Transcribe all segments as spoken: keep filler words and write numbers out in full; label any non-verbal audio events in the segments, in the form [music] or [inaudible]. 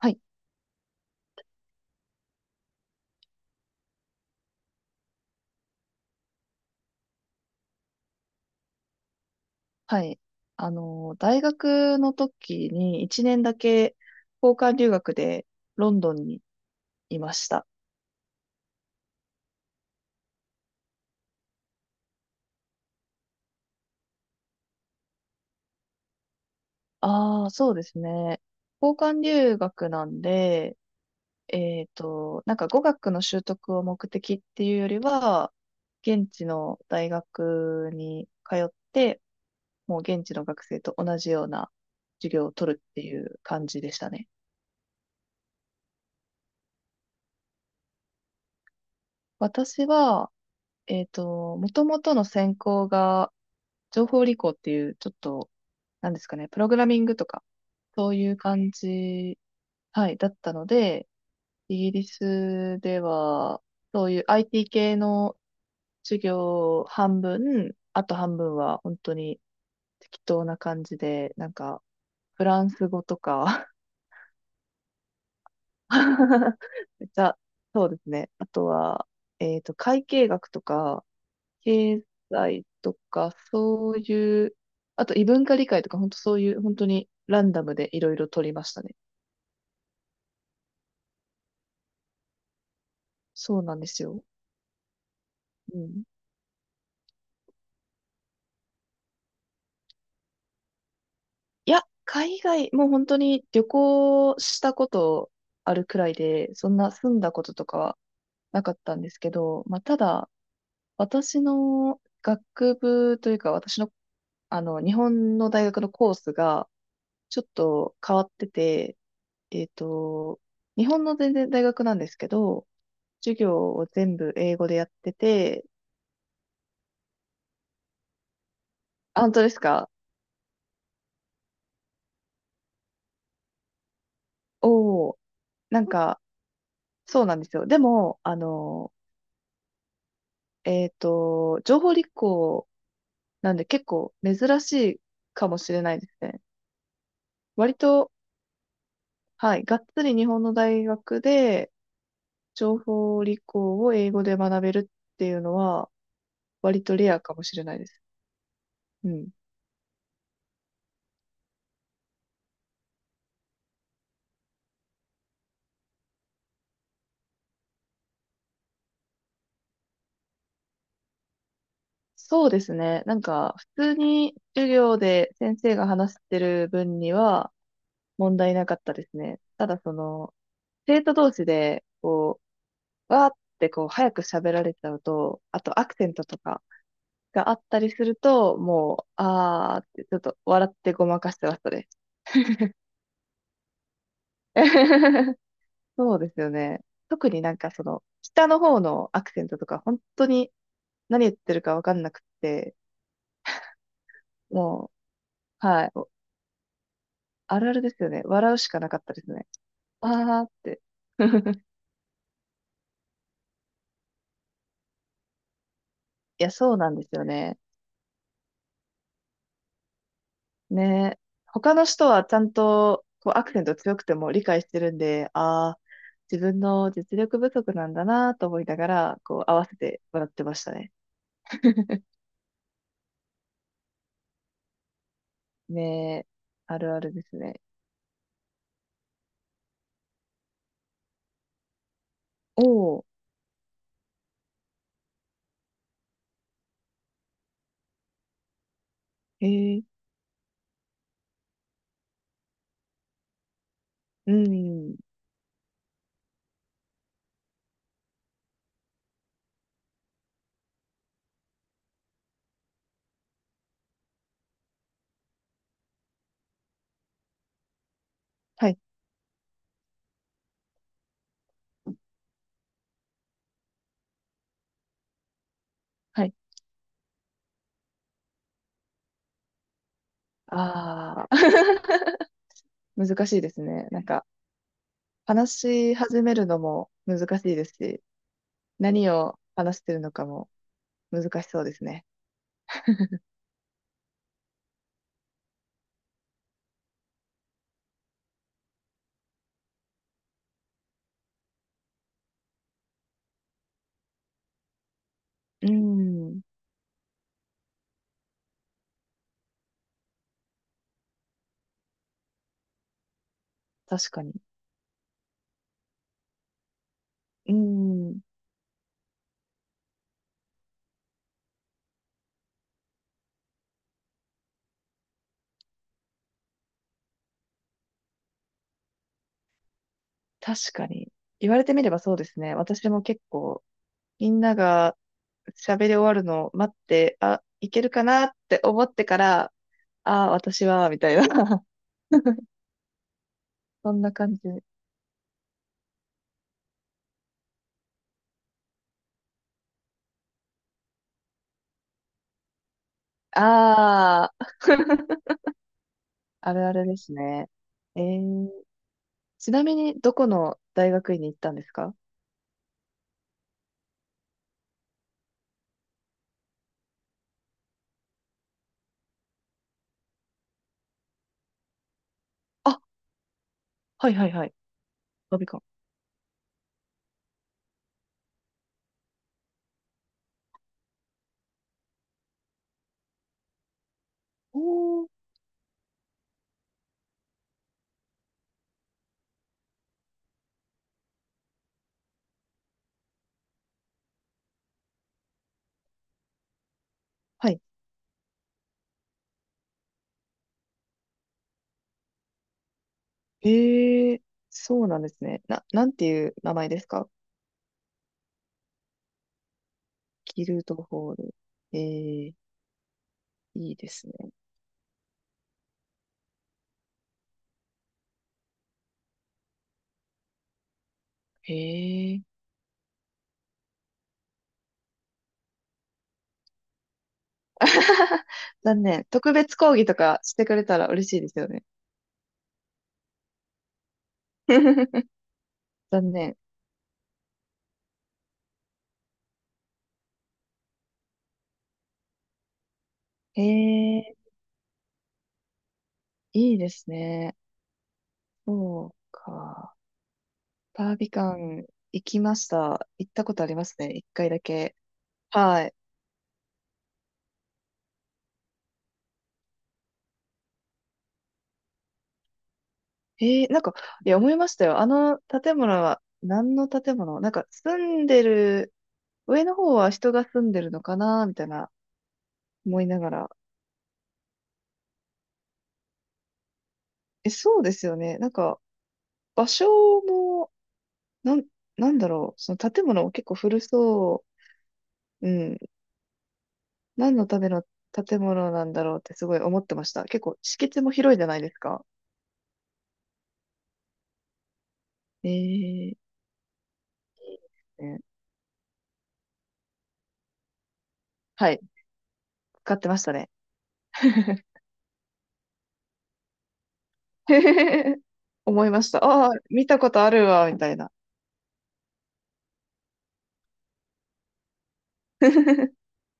はい、はい。あの、大学の時にいちねんだけ交換留学でロンドンにいました。ああ、そうですね。交換留学なんで、えっと、なんか語学の習得を目的っていうよりは、現地の大学に通って、もう現地の学生と同じような授業を取るっていう感じでしたね。私は、えっと、もともとの専攻が情報理工っていう、ちょっと、なんですかね、プログラミングとか、そういう感じ、はい、だったので、イギリスでは、そういう アイティー 系の授業半分、あと半分は本当に適当な感じで、なんか、フランス語とか [laughs] めっちゃ、そうですね。あとは、えっと、会計学とか、経済とか、そういう、あと異文化理解とか、本当そういう、本当にランダムでいろいろ取りましたね。そうなんですよ。うん。いや、海外、もう本当に旅行したことあるくらいで、そんな住んだこととかはなかったんですけど、まあ、ただ、私の学部というか、私の、あの、日本の大学のコースが、ちょっと変わってて、えっと、日本の全然大学なんですけど、授業を全部英語でやってて。あ、本当ですか？おおー。なんか、そうなんですよ。でも、あの、えっと、情報立候なんで結構珍しいかもしれないですね。割と、はい、がっつり日本の大学で情報理工を英語で学べるっていうのは割とレアかもしれないです。うん。そうですね。なんか、普通に授業で先生が話してる分には問題なかったですね。ただその、生徒同士で、こう、わーってこう、早く喋られちゃうと、あとアクセントとか、があったりすると、もう、あーって、ちょっと笑ってごまかしてましたね。[laughs] そうですよね。特になんかその、下の方のアクセントとか、本当に何言ってるかわかんなくって、もう、はい、あるあるですよね。笑うしかなかったですね。あーって。[laughs] いや、そうなんですよね。ね。他の人はちゃんと、こう、アクセント強くても理解してるんで、あー、自分の実力不足なんだなと思いながら、こう、合わせて笑ってましたね。ねえ、あるあるですね。おーへえ、うん、はい、はい、ああ。[laughs] 難しいですね。なんか、話し始めるのも難しいですし、何を話してるのかも難しそうですね。うん、確かに。うん、確かに。言われてみればそうですね。私も結構、みんなが喋り終わるのを待って、あ、いけるかなって思ってから、ああ、私は、みたいな。[laughs] そんな感じ。ああ。[laughs] あるあるですね。えー、ちなみに、どこの大学院に行ったんですか？あ、はいはいはい。飛ビ込おー、はい。えー、そうなんですね。な、なんていう名前ですか？キルトホール。えー、いいですね。へえ。[laughs] 残念。特別講義とかしてくれたら嬉しいですよね。[laughs] 残念。へえ、いいですね。そうか。バービカン行きました。行ったことありますね。いっかいだけ。はい。えー、なんか、いや、思いましたよ。あの建物は、何の建物なんか、住んでる、上の方は人が住んでるのかなみたいな、思いながら。え、そうですよね。なんか、場所も、なん、なんだろう。その建物も結構古そう。うん。何のための建物なんだろうってすごい思ってました。結構、敷地も広いじゃないですか。えー、いいですね、はい。使ってましたね。[laughs] 思いました。ああ、見たことあるわ、みたいな。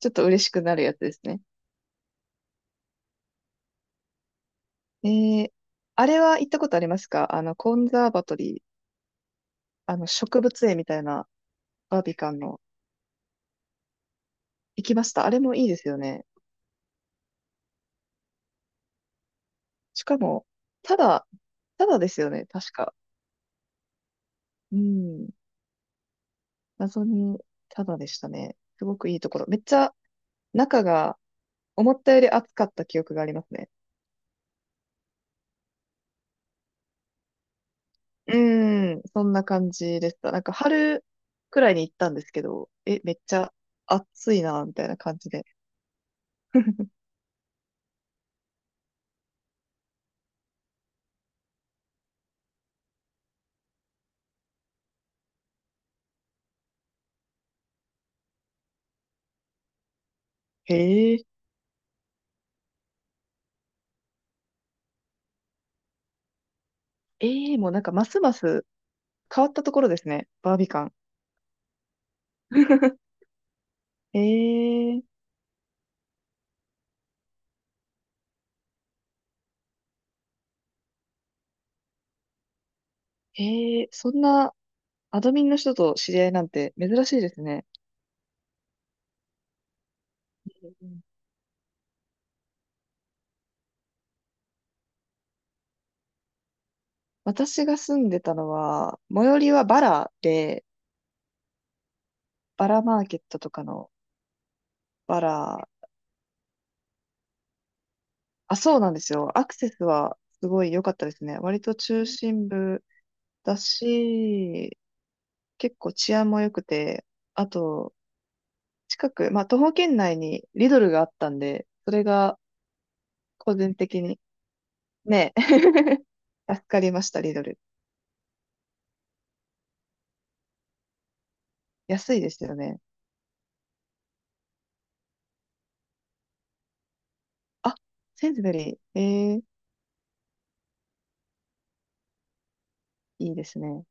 ちょっと嬉しくなるやつですね。えー、あれは行ったことありますか？あの、コンザーバトリー、あの、植物園みたいなバービカンの。行きました。あれもいいですよね。しかも、ただ、ただですよね、確か。うん。謎に、ただでしたね。すごくいいところ。めっちゃ、中が、思ったより暑かった記憶がありますね。うん、そんな感じでした。なんか春くらいに行ったんですけど、え、めっちゃ暑いな、みたいな感じで。[laughs] へえ、ええ、もうなんかますます変わったところですね、バービカン。へえ、へえ、そんなアドミンの人と知り合いなんて珍しいですね。うん、私が住んでたのは、最寄りはバラで、バラマーケットとかのバラ、あ、そうなんですよ。アクセスはすごい良かったですね。割と中心部だし、結構治安も良くて、あと、近く、まあ、徒歩圏内にリドルがあったんで、それが個人的に、ね。[laughs] 助かりました、リドル。安いですよね。あ、センズベリー。ええ、いいですね。